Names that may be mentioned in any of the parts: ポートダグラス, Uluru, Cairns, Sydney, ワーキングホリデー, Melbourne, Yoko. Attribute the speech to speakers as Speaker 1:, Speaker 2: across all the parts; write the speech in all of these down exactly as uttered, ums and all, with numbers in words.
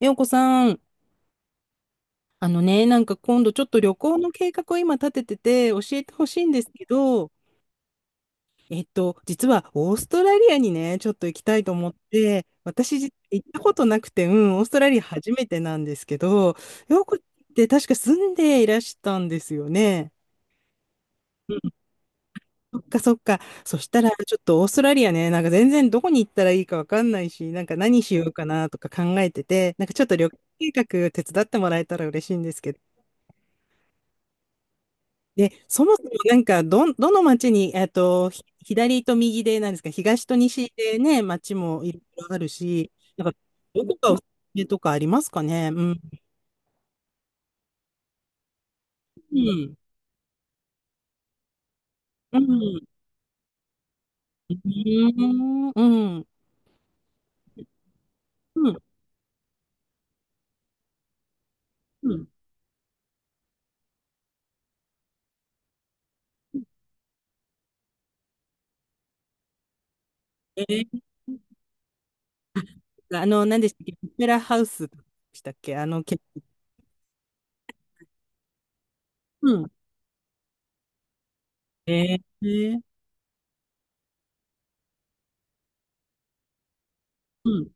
Speaker 1: ようこさん、あのね、なんか今度ちょっと旅行の計画を今立ててて教えてほしいんですけど、えっと、実はオーストラリアにね、ちょっと行きたいと思って、私実は行ったことなくて、うん、オーストラリア初めてなんですけど、ようこって確か住んでいらしたんですよね。うん、そっかそっか。そしたらちょっとオーストラリアね、なんか全然どこに行ったらいいかわかんないし、なんか何しようかなとか考えてて、なんかちょっと旅行計画手伝ってもらえたら嬉しいんですけど。で、そもそもなんか、ど、どの町に、えっと、ひ左と右で、なんですか、東と西でね、町もいろいろあるし、なんか、どこかおすすめとかありますかね。うん。うん。うん。うん。うん。うんうん、えー、あの、何でしたっけ、オペラハウスでしたっけ、あの、け、うん。えー、うん。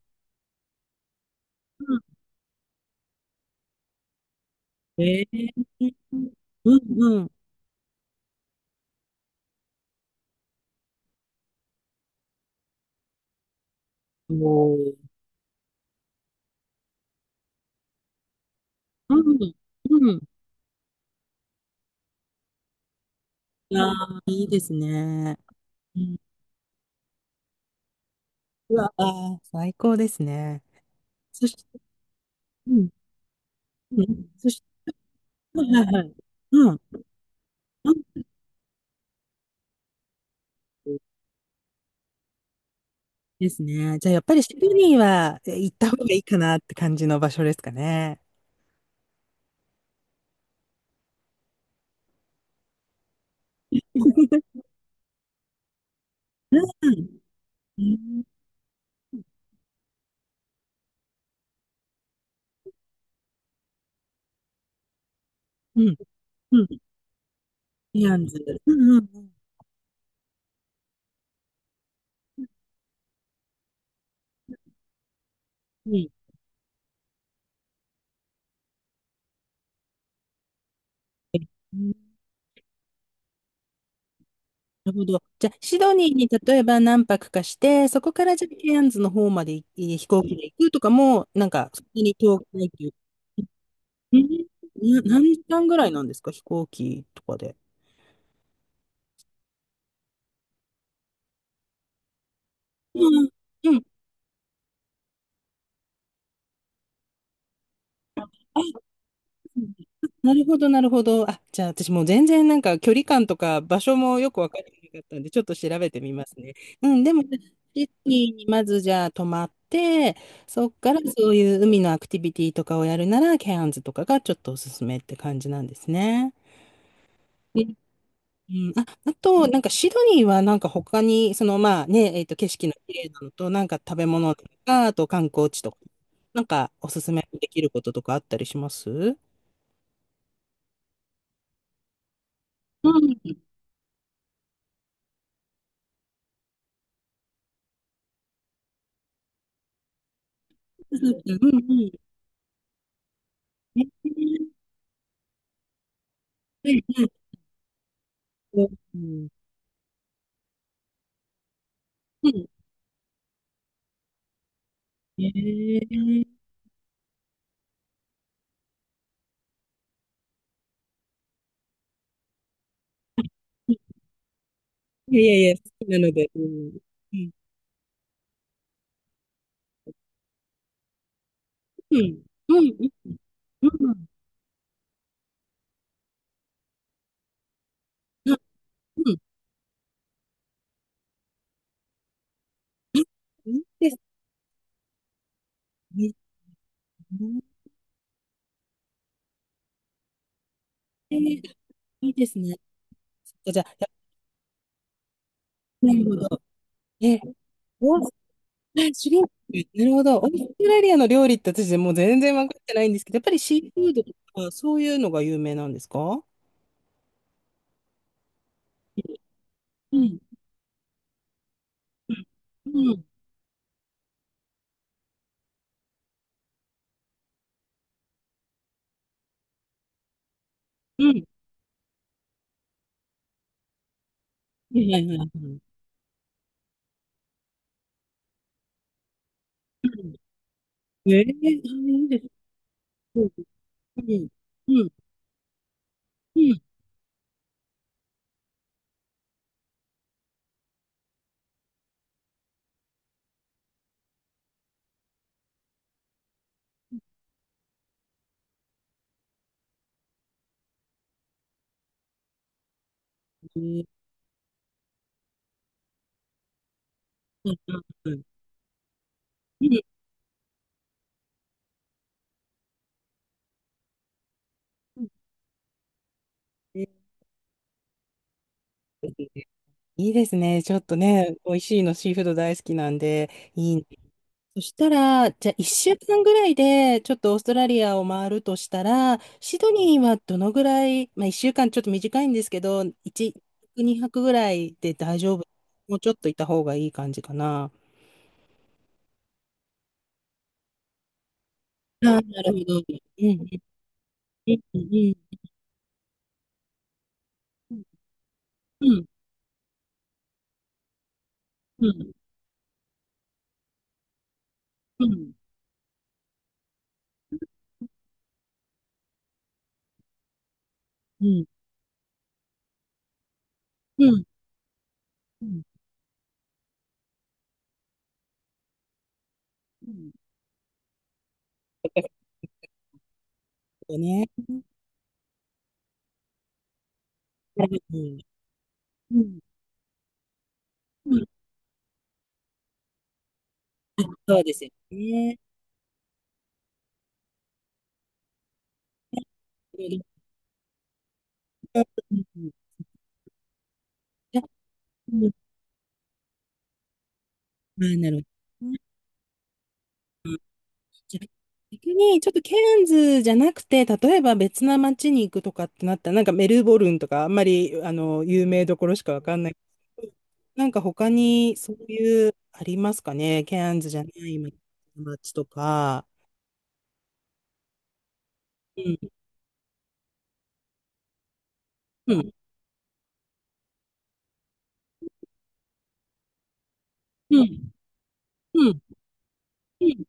Speaker 1: うん、えー、うん。うん。おー、うん。うん。ああ、いいですね。うわあ、最高ですね。そして、うん、うん、そして、はいはいはい。うん、うん、ですね。じゃあ、やっぱりシドニーはえ行った方がいいかなって感じの場所ですかね。うん、うん、うん、ケアンズ。うんうんうん。うん、なるほど。じゃあ、シドニーに例えば何泊かして、そこからじゃあケアンズの方までい飛行機で行くとかも、なんか、そんなに遠くないっていう。えーな、何時間ぐらいなんですか、飛行機とかで。うんうん。あ、なるほど、なるほど。あ、じゃあ私もう全然なんか距離感とか場所もよくわかってなかったんで、ちょっと調べてみますね。うん、でも、シドニーにまずじゃあ泊まって、そっからそういう海のアクティビティとかをやるなら、ケアンズとかがちょっとおすすめって感じなんですね。うんうん、あ、あと、なんかシドニーはなんか他に、そのまあね、えっと、景色の綺麗なのと、なんか食べ物とか、あと観光地とか、なんかおすすめできることとかあったりします。うん、そうそうそう、うんうん。ええ、はいはい、そううん、うん。へえ、うん。いやいやいや、好きなので、うん。うん、うん、うん、うん、うん、あ、うん、いいですね。へえ、いいですね。ちょっとじゃあ、やなるほど。え、オースあ、シュリンプ、なるほど。オーストラリアの料理って私もう全然分かってないんですけど、やっぱりシーフードとか、そういうのが有名なんですか？うん、うん、うん、うん。はいはいはいはい。うん。ええ、あ、いいです。うん、うん、うん、うん。ええ、うん、うん、うん、うん。ええ、いいですね。ちょっとね、美味しいの、シーフード大好きなんで、いい。そしたら、じゃあいっしゅうかんぐらいで、ちょっとオーストラリアを回るとしたら、シドニーはどのぐらい、まあいっしゅうかんちょっと短いんですけど、いち、にはくぐらいで大丈夫。もうちょっといた方がいい感じかな。ああ、なるほど。うん、うん、うん、うん、うん、うん、うん、うん、うん、うん、うん。うん。ね。はね、うん。うん。うん。そうですよね。うんうん。じゃ、うん、あ、なるほどね。じゃ、逆にちょっとケアンズじゃなくて、例えば別な街に行くとかってなったら、なんかメルボルンとかあんまりあの有名どころしかわかんない。けどなんか他にそういうありますかね。ケアンズじゃない街とか。うん。うん。うん。うん。うん。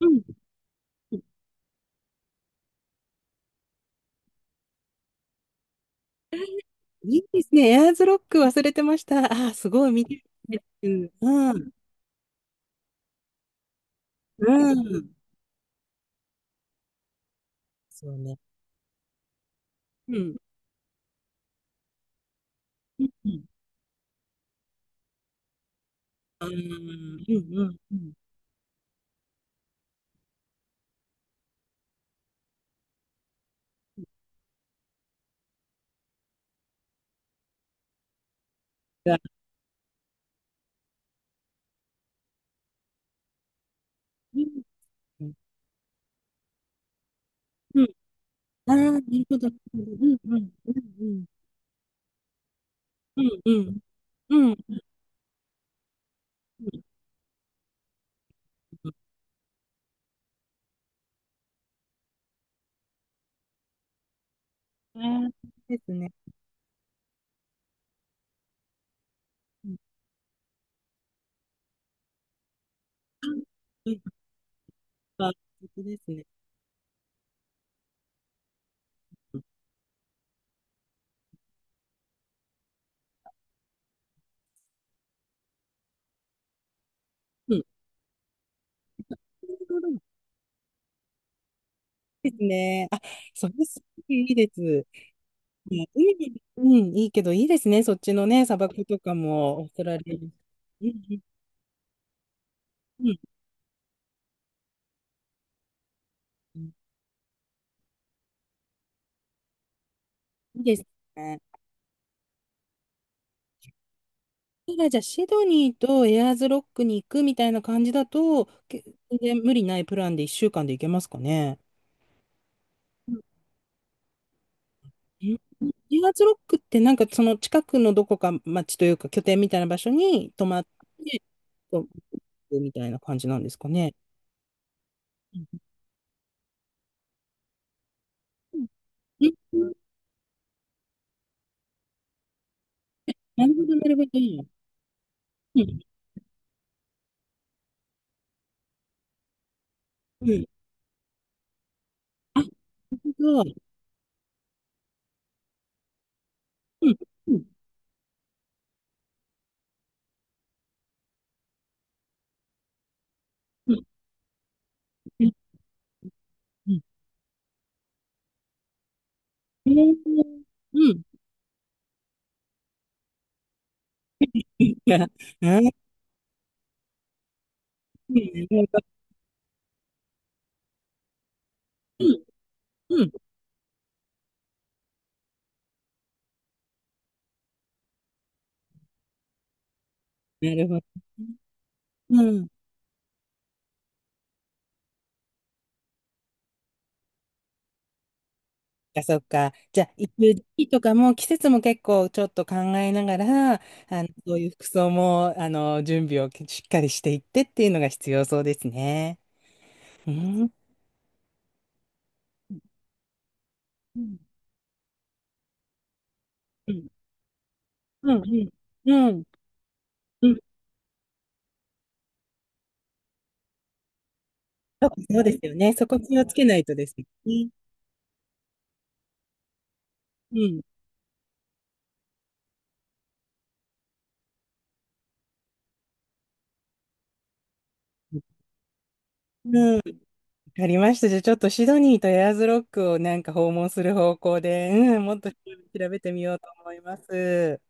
Speaker 1: うん。うん。いいですね。エアーズロック忘れてました。ああ、すごい見てる。うん。うん。うん。そうね。うん。うん。うん。ああ、うんうんうん、そうね、うんうんうん、あ、うんうんうんが、うんうん。ああ、なるほど。うんうん。うんうん。うんうん。うんうん。うん。あー、そうですね。うん。あ、やった、素敵ですね。うん。うん。ですね。あ、それすごいいいです。いやいい、うん、いいけど、いいですね。そっちのね、砂漠とかも、オーストラリア。うんうん、いいですね。それじゃあシドニーとエアーズロックに行くみたいな感じだと全然無理ないプランでいっしゅうかんで行けますかね？エアーズロックってなんかその近くのどこか町というか拠点みたいな場所に泊まってみたいな感じなんですかね？うん、なるほどなるほどね。うん、あ、なるほど。うんうんうんうんうんうんうんうん。うん。なるほど。うん。あ、そっか。じゃあ、行く時期とかも、季節も結構ちょっと考えながら、あの、そういう服装も、あの、準備をしっかりしていってっていうのが必要そうですね。うん。うん。うん。うん。うん。うんうん、そうそうですよね。そこ気をつけないとですね。うん。わかりました。じゃあ、ちょっとシドニーとエアーズロックをなんか訪問する方向で、うん、もっと調べてみようと思います。